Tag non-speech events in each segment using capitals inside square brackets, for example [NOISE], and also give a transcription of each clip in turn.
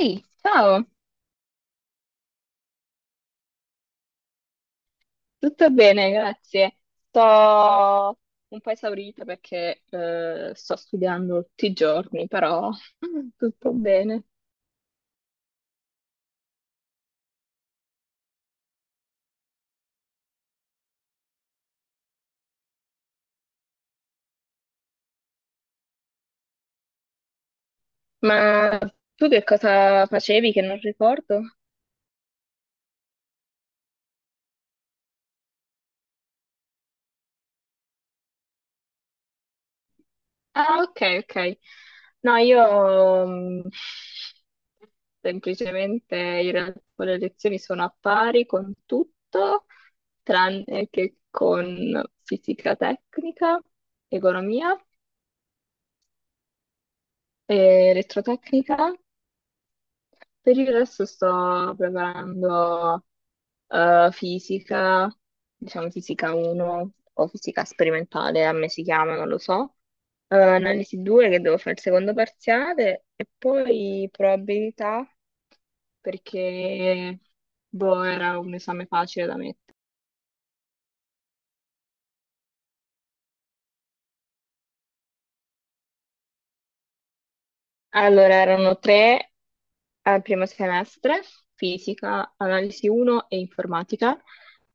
Ehi, ciao, tutto bene, grazie. Sto un po' esaurita perché sto studiando tutti i giorni, però [LAUGHS] tutto bene. Ma tu che cosa facevi che non ricordo? Ah, ok, ok. No, io, semplicemente in realtà con le lezioni sono a pari con tutto, tranne che con fisica tecnica, economia e elettrotecnica. Per il resto sto preparando fisica, diciamo fisica 1 o fisica sperimentale, a me si chiama, non lo so. Analisi 2 che devo fare il secondo parziale e poi probabilità perché boh, era un esame facile da mettere. Allora, erano tre al primo semestre, fisica, analisi 1 e informatica,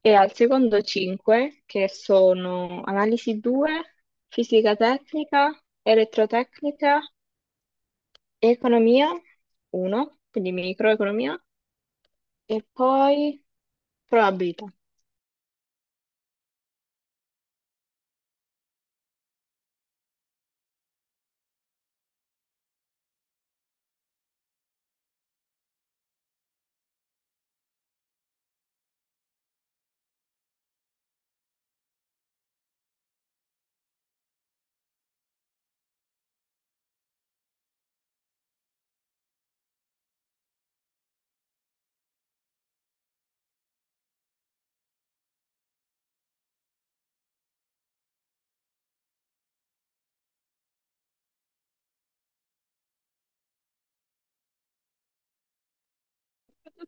e al secondo 5, che sono analisi 2, fisica tecnica, elettrotecnica, economia 1, quindi microeconomia, e poi probabilità.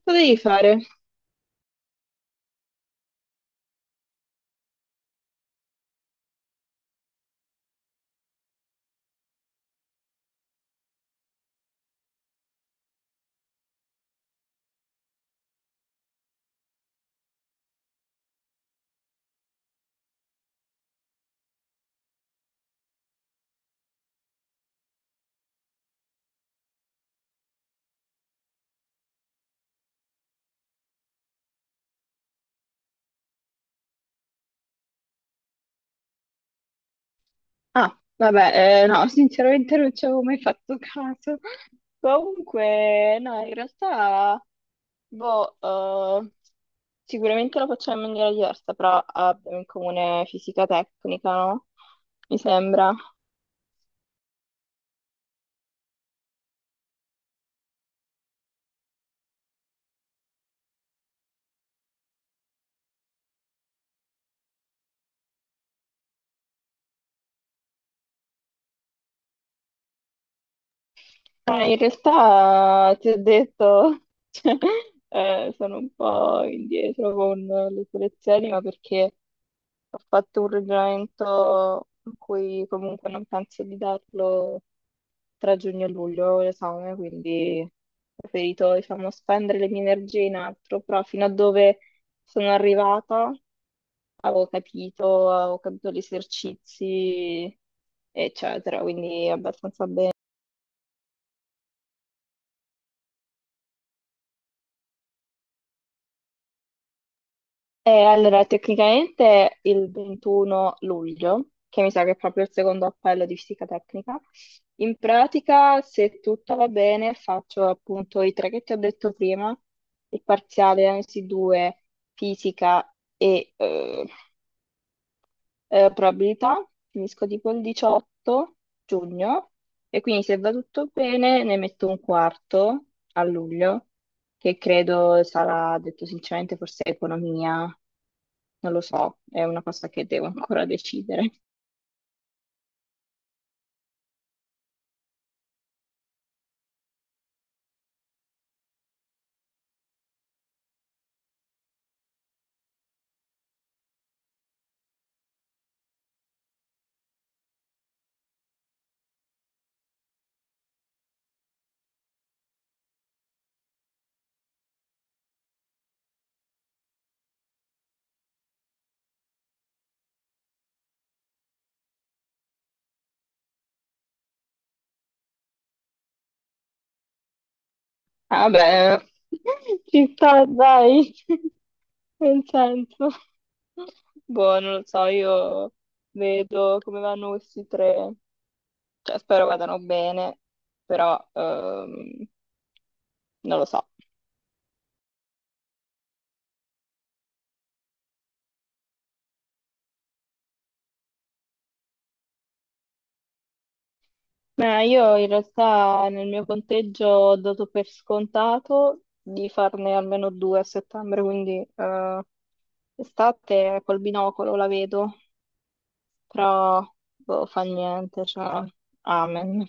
Cosa devi fare? Ah, vabbè, no, [LAUGHS] sinceramente non ci avevo mai fatto caso. Comunque, no, in realtà, boh, sicuramente lo facciamo in maniera diversa, però abbiamo in comune fisica tecnica, no? Mi sembra. Ma in realtà ti ho detto, [LAUGHS] cioè, sono un po' indietro con le selezioni, ma perché ho fatto un ragionamento in cui comunque non penso di darlo tra giugno e luglio l'esame, quindi ho preferito, diciamo, spendere le mie energie in altro, però fino a dove sono arrivata avevo capito gli esercizi, eccetera, quindi abbastanza bene. Allora, tecnicamente il 21 luglio, che mi sa che è proprio il secondo appello di fisica tecnica, in pratica, se tutto va bene, faccio appunto i tre che ti ho detto prima, il parziale analisi 2, fisica e probabilità, finisco tipo il 18 giugno e quindi se va tutto bene ne metto un quarto a luglio, che credo sarà, detto sinceramente, forse economia, non lo so, è una cosa che devo ancora decidere. Ah, vabbè, [LAUGHS] ci sta, dai, [LAUGHS] nel senso. Boh, non lo so, io vedo come vanno questi tre, cioè spero vadano bene, però non lo so. Ma io in realtà nel mio conteggio ho dato per scontato di farne almeno due a settembre, quindi estate col binocolo la vedo, però boh, fa niente, cioè, amen.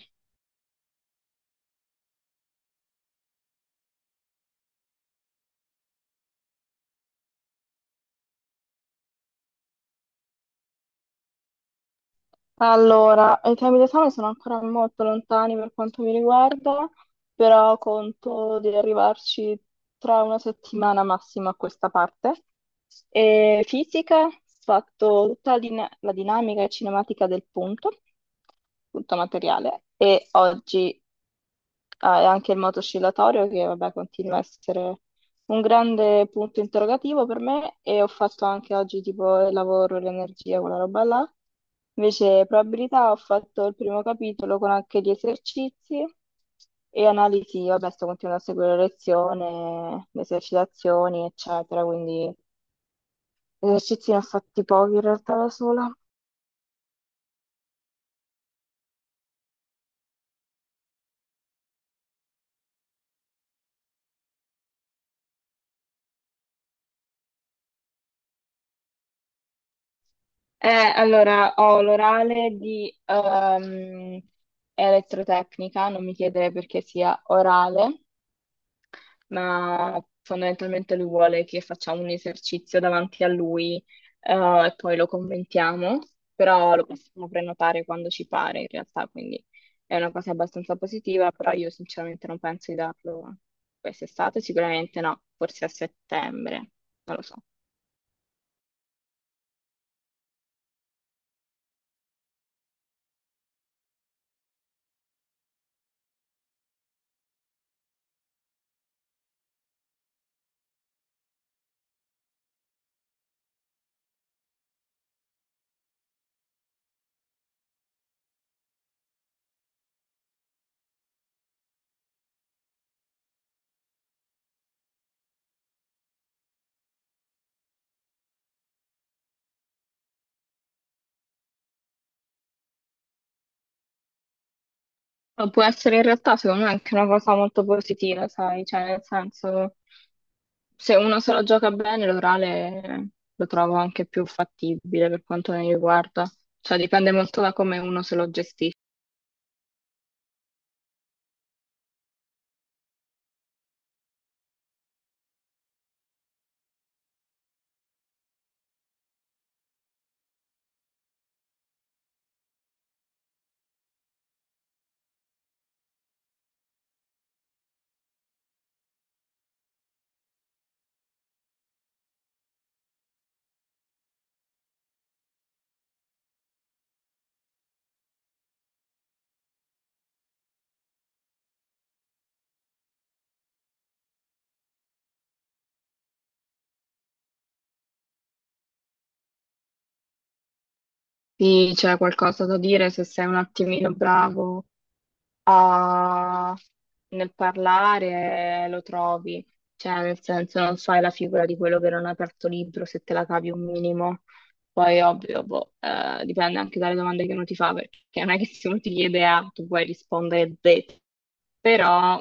Allora, i temi d'esame sono ancora molto lontani per quanto mi riguarda, però conto di arrivarci tra una settimana massima a questa parte. E fisica, ho fatto tutta la dinamica e cinematica del punto, punto materiale, e oggi ah, è anche il moto oscillatorio che vabbè, continua a essere un grande punto interrogativo per me e ho fatto anche oggi tipo il lavoro, l'energia, quella roba là. Invece probabilità ho fatto il primo capitolo con anche gli esercizi e analisi, vabbè sto continuando a seguire la lezione, le esercitazioni eccetera, quindi esercizi ne ho fatti pochi in realtà da sola. Eh, allora ho l'orale di elettrotecnica, non mi chiedere perché sia orale. Ma fondamentalmente lui vuole che facciamo un esercizio davanti a lui, eh, e poi lo commentiamo, però lo possiamo prenotare quando ci pare in realtà, quindi è una cosa abbastanza positiva, però io sinceramente non penso di darlo quest'estate, sicuramente no, forse a settembre, non lo so. Ma può essere in realtà secondo me anche una cosa molto positiva, sai, cioè nel senso... Se uno se lo gioca bene, l'orale lo trovo anche più fattibile per quanto mi riguarda. Cioè, dipende molto da come uno se lo gestisce. Sì, c'è qualcosa da dire, se sei un attimino bravo a- nel parlare lo trovi, cioè nel senso non fai la figura di quello che non ha aperto libro se te la cavi un minimo. Poi ovvio, boh, dipende anche dalle domande che uno ti fa, perché non è che se uno ti chiede A, tu puoi rispondere Z, però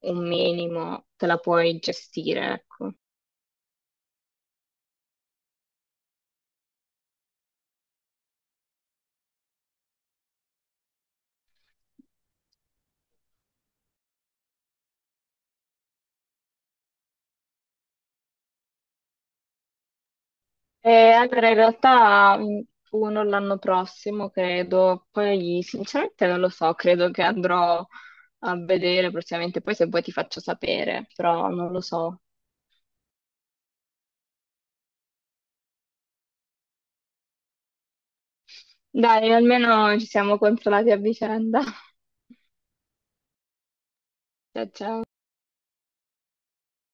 un minimo te la puoi gestire, ecco. Allora, in realtà uno l'anno prossimo, credo, poi sinceramente non lo so, credo che andrò a vedere prossimamente, poi se vuoi ti faccio sapere, però non lo so. Dai, almeno ci siamo consolati a vicenda. [LAUGHS] Ciao, ciao.